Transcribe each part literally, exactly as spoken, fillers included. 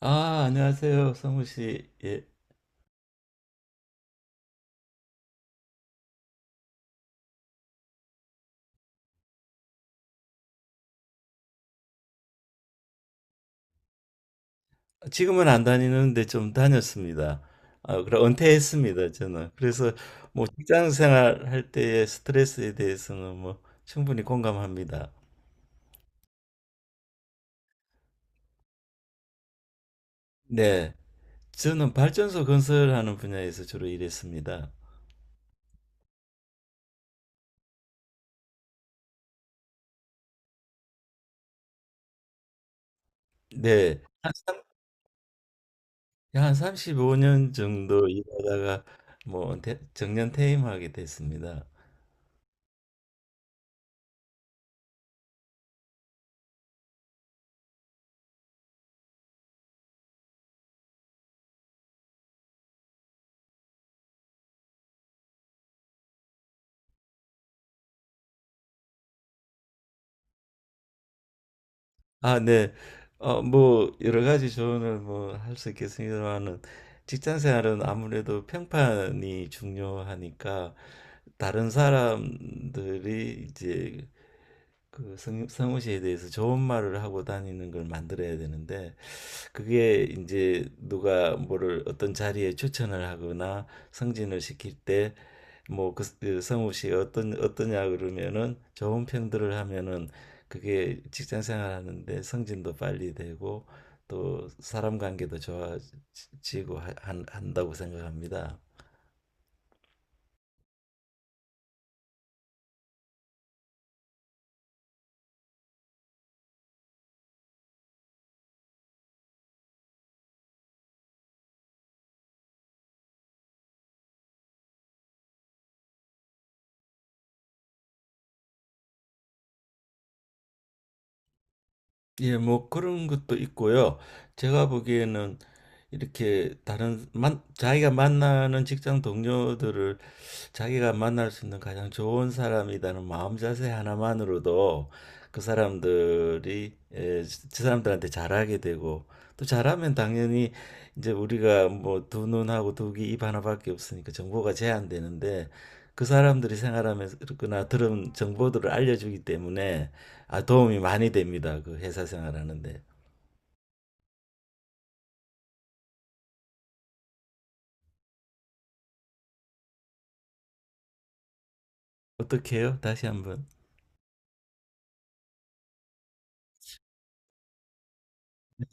아, 안녕하세요, 성우 씨. 예. 지금은 안 다니는데 좀 다녔습니다. 아, 그래, 은퇴했습니다, 저는. 그래서 뭐 직장 생활할 때의 스트레스에 대해서는 뭐 충분히 공감합니다. 네. 저는 발전소 건설하는 분야에서 주로 일했습니다. 네. 한, 삼- 한 삼십오 년 정도 일하다가 뭐 은퇴- 정년 퇴임하게 됐습니다. 아, 네. 어, 뭐 여러 가지 조언을 뭐 할 수 있겠습니다만은 직장 생활은 아무래도 평판이 중요하니까 다른 사람들이 이제 그 성, 성우 씨에 대해서 좋은 말을 하고 다니는 걸 만들어야 되는데, 그게 이제 누가 뭐를 어떤 자리에 추천을 하거나 승진을 시킬 때, 뭐 그 성우 씨가 어떤 어떠냐 그러면은 좋은 평들을 하면은 그게 직장 생활하는데 승진도 빨리 되고 또 사람 관계도 좋아지고 하, 한, 한다고 생각합니다. 예, 뭐 그런 것도 있고요. 제가 보기에는 이렇게 다른 만, 자기가 만나는 직장 동료들을 자기가 만날 수 있는 가장 좋은 사람이라는 마음 자세 하나만으로도 그 사람들이 에, 저 사람들한테 잘하게 되고, 또 잘하면 당연히 이제 우리가 뭐 두 눈하고 두 귀 입 하나밖에 없으니까 정보가 제한되는데, 그 사람들이 생활하면서나 들은 정보들을 알려주기 때문에 아, 도움이 많이 됩니다. 그 회사 생활하는데. 어떻게 해요? 다시 한번.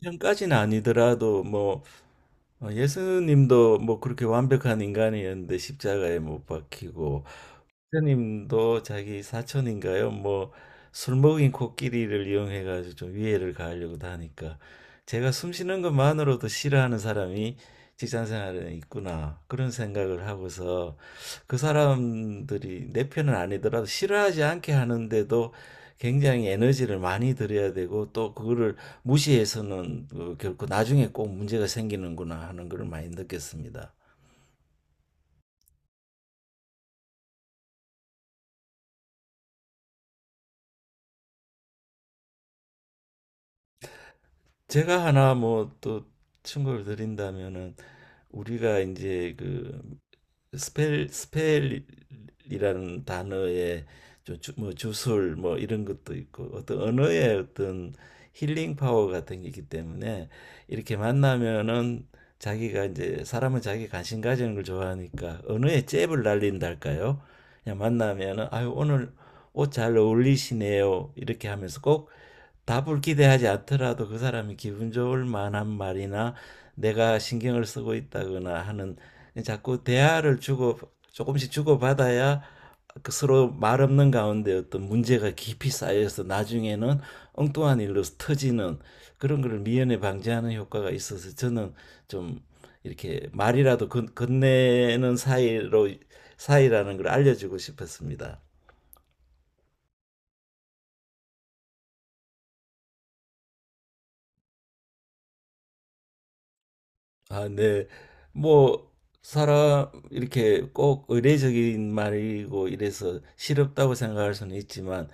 평까지는 아니더라도 뭐 어, 예수님도 뭐 그렇게 완벽한 인간이었는데 십자가에 못 박히고, 사님도 자기 사촌인가요? 뭐 술 먹인 코끼리를 이용해 가지고 좀 위해를 가하려고 하니까 제가 숨 쉬는 것만으로도 싫어하는 사람이 직장 생활에 있구나 그런 생각을 하고서, 그 사람들이 내 편은 아니더라도 싫어하지 않게 하는데도 굉장히 에너지를 많이 들여야 되고, 또 그거를 무시해서는 어, 결코 나중에 꼭 문제가 생기는구나 하는 걸 많이 느꼈습니다. 제가 하나 뭐 또 충고를 드린다면은, 우리가 이제 그 스펠 스펠이라는 단어의 주, 주- 뭐 주술 뭐 이런 것도 있고, 어떤 언어의 어떤 힐링 파워 같은 게 있기 때문에 이렇게 만나면은 자기가 이제, 사람은 자기 관심 가지는 걸 좋아하니까, 언어에 잽을 날린달까요? 그냥 만나면은 아유 오늘 옷 잘 어울리시네요 이렇게 하면서, 꼭 답을 기대하지 않더라도 그 사람이 기분 좋을 만한 말이나 내가 신경을 쓰고 있다거나 하는, 자꾸 대화를 주고 조금씩 주고받아야 그 서로 말 없는 가운데 어떤 문제가 깊이 쌓여서 나중에는 엉뚱한 일로 터지는 그런 걸 미연에 방지하는 효과가 있어서, 저는 좀 이렇게 말이라도 건, 건네는 사이로, 사이라는 걸 알려주고 싶었습니다. 아, 네. 뭐 사람 이렇게 꼭 의례적인 말이고 이래서 싫었다고 생각할 수는 있지만,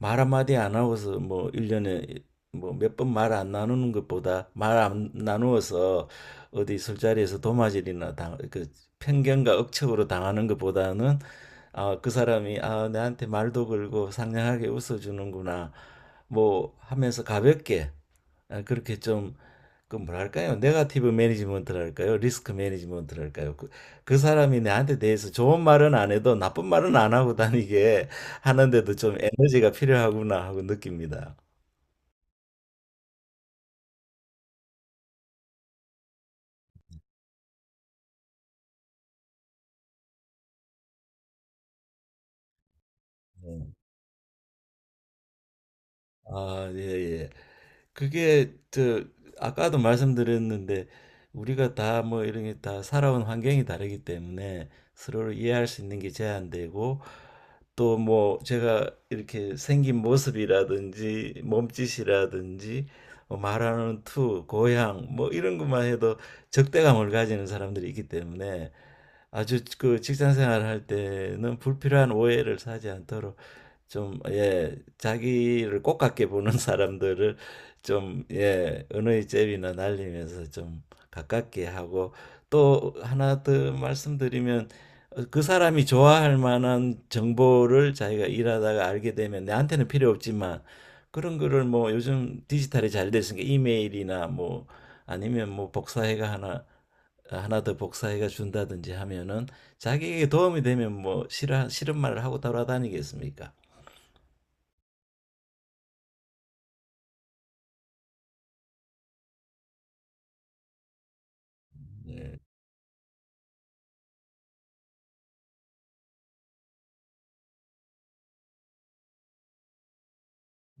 말 한마디 안 하고서 뭐 일년에 뭐 몇 번 말 안 나누는 것보다, 말 안 나누어서 어디 술자리에서 도마질이나 당, 그 편견과 억측으로 당하는 것보다는 아, 그 사람이 아, 내한테 말도 걸고 상냥하게 웃어주는구나 뭐 하면서 가볍게, 아, 그렇게 좀 그 뭐랄까요? 네가티브 매니지먼트랄까요? 리스크 매니지먼트랄까요? 그, 그 사람이 나한테 대해서 좋은 말은 안 해도 나쁜 말은 안 하고 다니게 하는데도 좀 에너지가 필요하구나 하고 느낍니다. 네. 아, 예, 예. 그게 저 아까도 말씀드렸는데, 우리가 다 뭐 이런 게 다 살아온 환경이 다르기 때문에 서로를 이해할 수 있는 게 제한되고, 또 뭐 제가 이렇게 생긴 모습이라든지 몸짓이라든지 어, 말하는 투, 고향 뭐 이런 것만 해도 적대감을 가지는 사람들이 있기 때문에, 아주 그 직장 생활할 때는 불필요한 오해를 사지 않도록 좀, 예, 자기를 꼭 같게 보는 사람들을 좀, 예, 은의 제비나 날리면서 좀 가깝게 하고. 또 하나 더 말씀드리면 어, 그 사람이 좋아할 만한 정보를 자기가 일하다가 알게 되면 내한테는 필요 없지만, 그런 거를 뭐 요즘 디지털이 잘 됐으니까 이메일이나 뭐 아니면 뭐 복사해가 하나 하나 더 복사해가 준다든지 하면은, 자기에게 도움이 되면 뭐 싫어 싫은 말을 하고 돌아다니겠습니까? 예.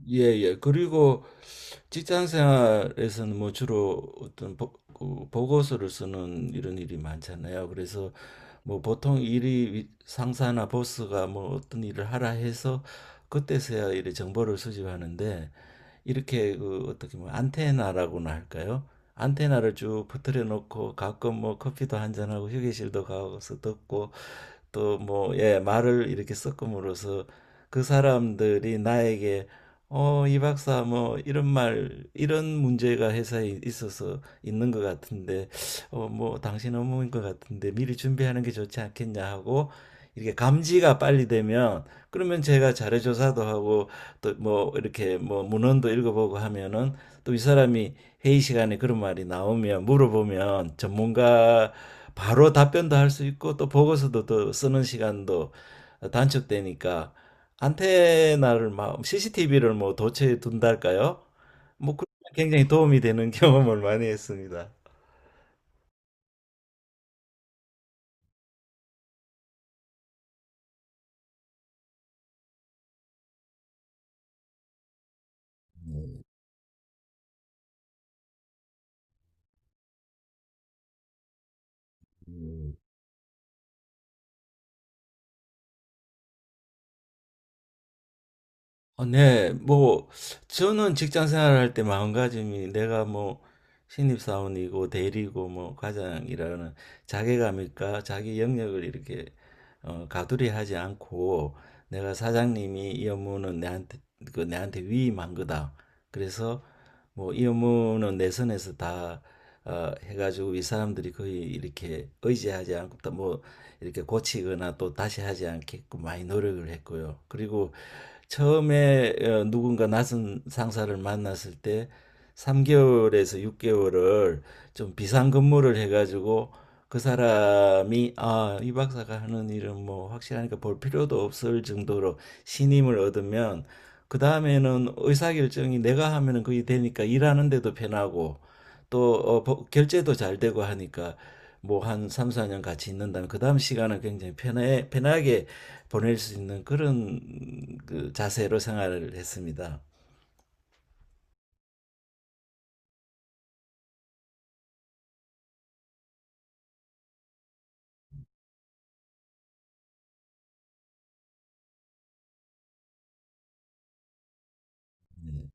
예, 예. 그리고 직장 생활에서는 뭐 주로 어떤 보, 그 보고서를 쓰는 이런 일이 많잖아요. 그래서 뭐 보통 일이 위- 상사나 보스가 뭐 어떤 일을 하라 해서 그때서야 이렇게 정보를 수집하는데, 이렇게 그 어떻게 뭐 안테나라고나 할까요? 안테나를 쭉 퍼뜨려 놓고 가끔 뭐 커피도 한잔하고 휴게실도 가서 듣고, 또 뭐 예 말을 이렇게 섞음으로써 그 사람들이 나에게 어, 이 박사, 뭐, 이런 말, 이런 문제가 회사에 있어서 있는 것 같은데, 어, 뭐, 당신 업무인 것 같은데, 미리 준비하는 게 좋지 않겠냐 하고, 이렇게 감지가 빨리 되면, 그러면 제가 자료 조사도 하고, 또 뭐, 이렇게 뭐, 문헌도 읽어보고 하면은, 또 이 사람이 회의 시간에 그런 말이 나오면, 물어보면, 전문가 바로 답변도 할 수 있고, 또 보고서도 또 쓰는 시간도 단축되니까, 안테나를 막 씨씨티비를 뭐 도처에 둔달까요? 뭐 그런 굉장히 도움이 되는 경험을 많이 했습니다. 어, 네, 뭐, 저는 직장 생활할 때 마음가짐이 내가 뭐, 신입사원이고, 대리고, 뭐, 과장이라는 자괴감일까, 자기 영역을 이렇게, 어, 가두리 하지 않고, 내가 사장님이 이 업무는 내한테, 그, 내한테 위임한 거다. 그래서, 뭐, 이 업무는 내 선에서 다, 어, 해가지고, 이 사람들이 거의 이렇게 의지하지 않고, 또 뭐, 이렇게 고치거나 또 다시 하지 않게끔 많이 노력을 했고요. 그리고, 처음에 어, 누군가 낯선 상사를 만났을 때 삼 개월에서 육 개월을 좀 비상근무를 해가지고, 그 사람이 아, 이 박사가 하는 일은 뭐 확실하니까 볼 필요도 없을 정도로 신임을 얻으면, 그 다음에는 의사결정이 내가 하면은 그게 되니까 일하는데도 편하고, 또 어, 결제도 잘 되고 하니까 뭐 한 삼, 사 년 같이 있는다면 그 다음 시간은 굉장히 편해, 편하게 보낼 수 있는 그런 그 자세로 생활을 했습니다. 네.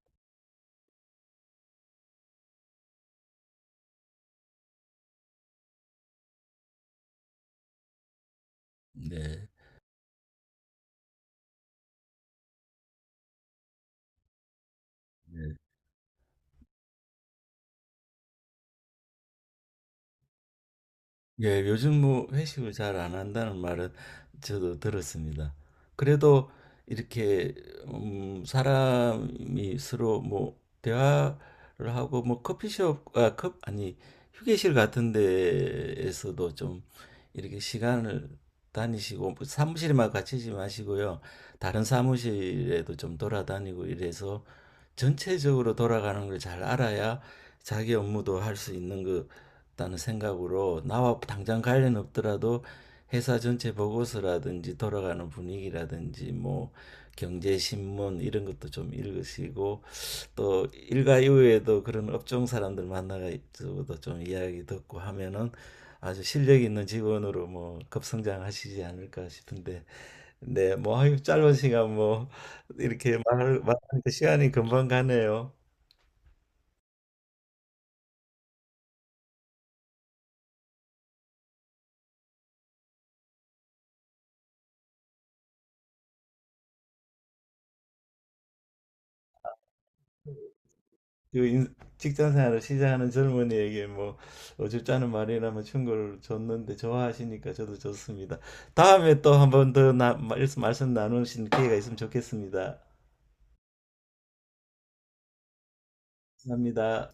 네. 네. 예, 요즘 뭐 회식을 잘 안 한다는 말은 저도 들었습니다. 그래도 이렇게 음, 사람이 서로 뭐 대화를 하고 뭐 커피숍 아, 컵 아니 휴게실 같은 데에서도 좀 이렇게 시간을 다니시고, 뭐 사무실에만 갇히지 마시고요. 다른 사무실에도 좀 돌아다니고 이래서 전체적으로 돌아가는 걸 잘 알아야 자기 업무도 할 수 있는 것 다는 생각으로, 나와 당장 관련 없더라도 회사 전체 보고서라든지 돌아가는 분위기라든지 뭐 경제 신문 이런 것도 좀 읽으시고, 또 일과 이후에도 그런 업종 사람들 만나가지고도 좀 이야기 듣고 하면은 아주 실력 있는 직원으로 뭐 급성장하시지 않을까 싶은데. 네, 뭐 짧은 시간 뭐 이렇게 말 말하니까 시간이 금방 가네요. 그 인- 직장 생활을 시작하는 젊은이에게 뭐 어줍잖은 말이라면 충고를 줬는데 좋아하시니까 저도 좋습니다. 다음에 또 한번 더 나, 말씀, 말씀 나누신 기회가 있으면 좋겠습니다. 감사합니다.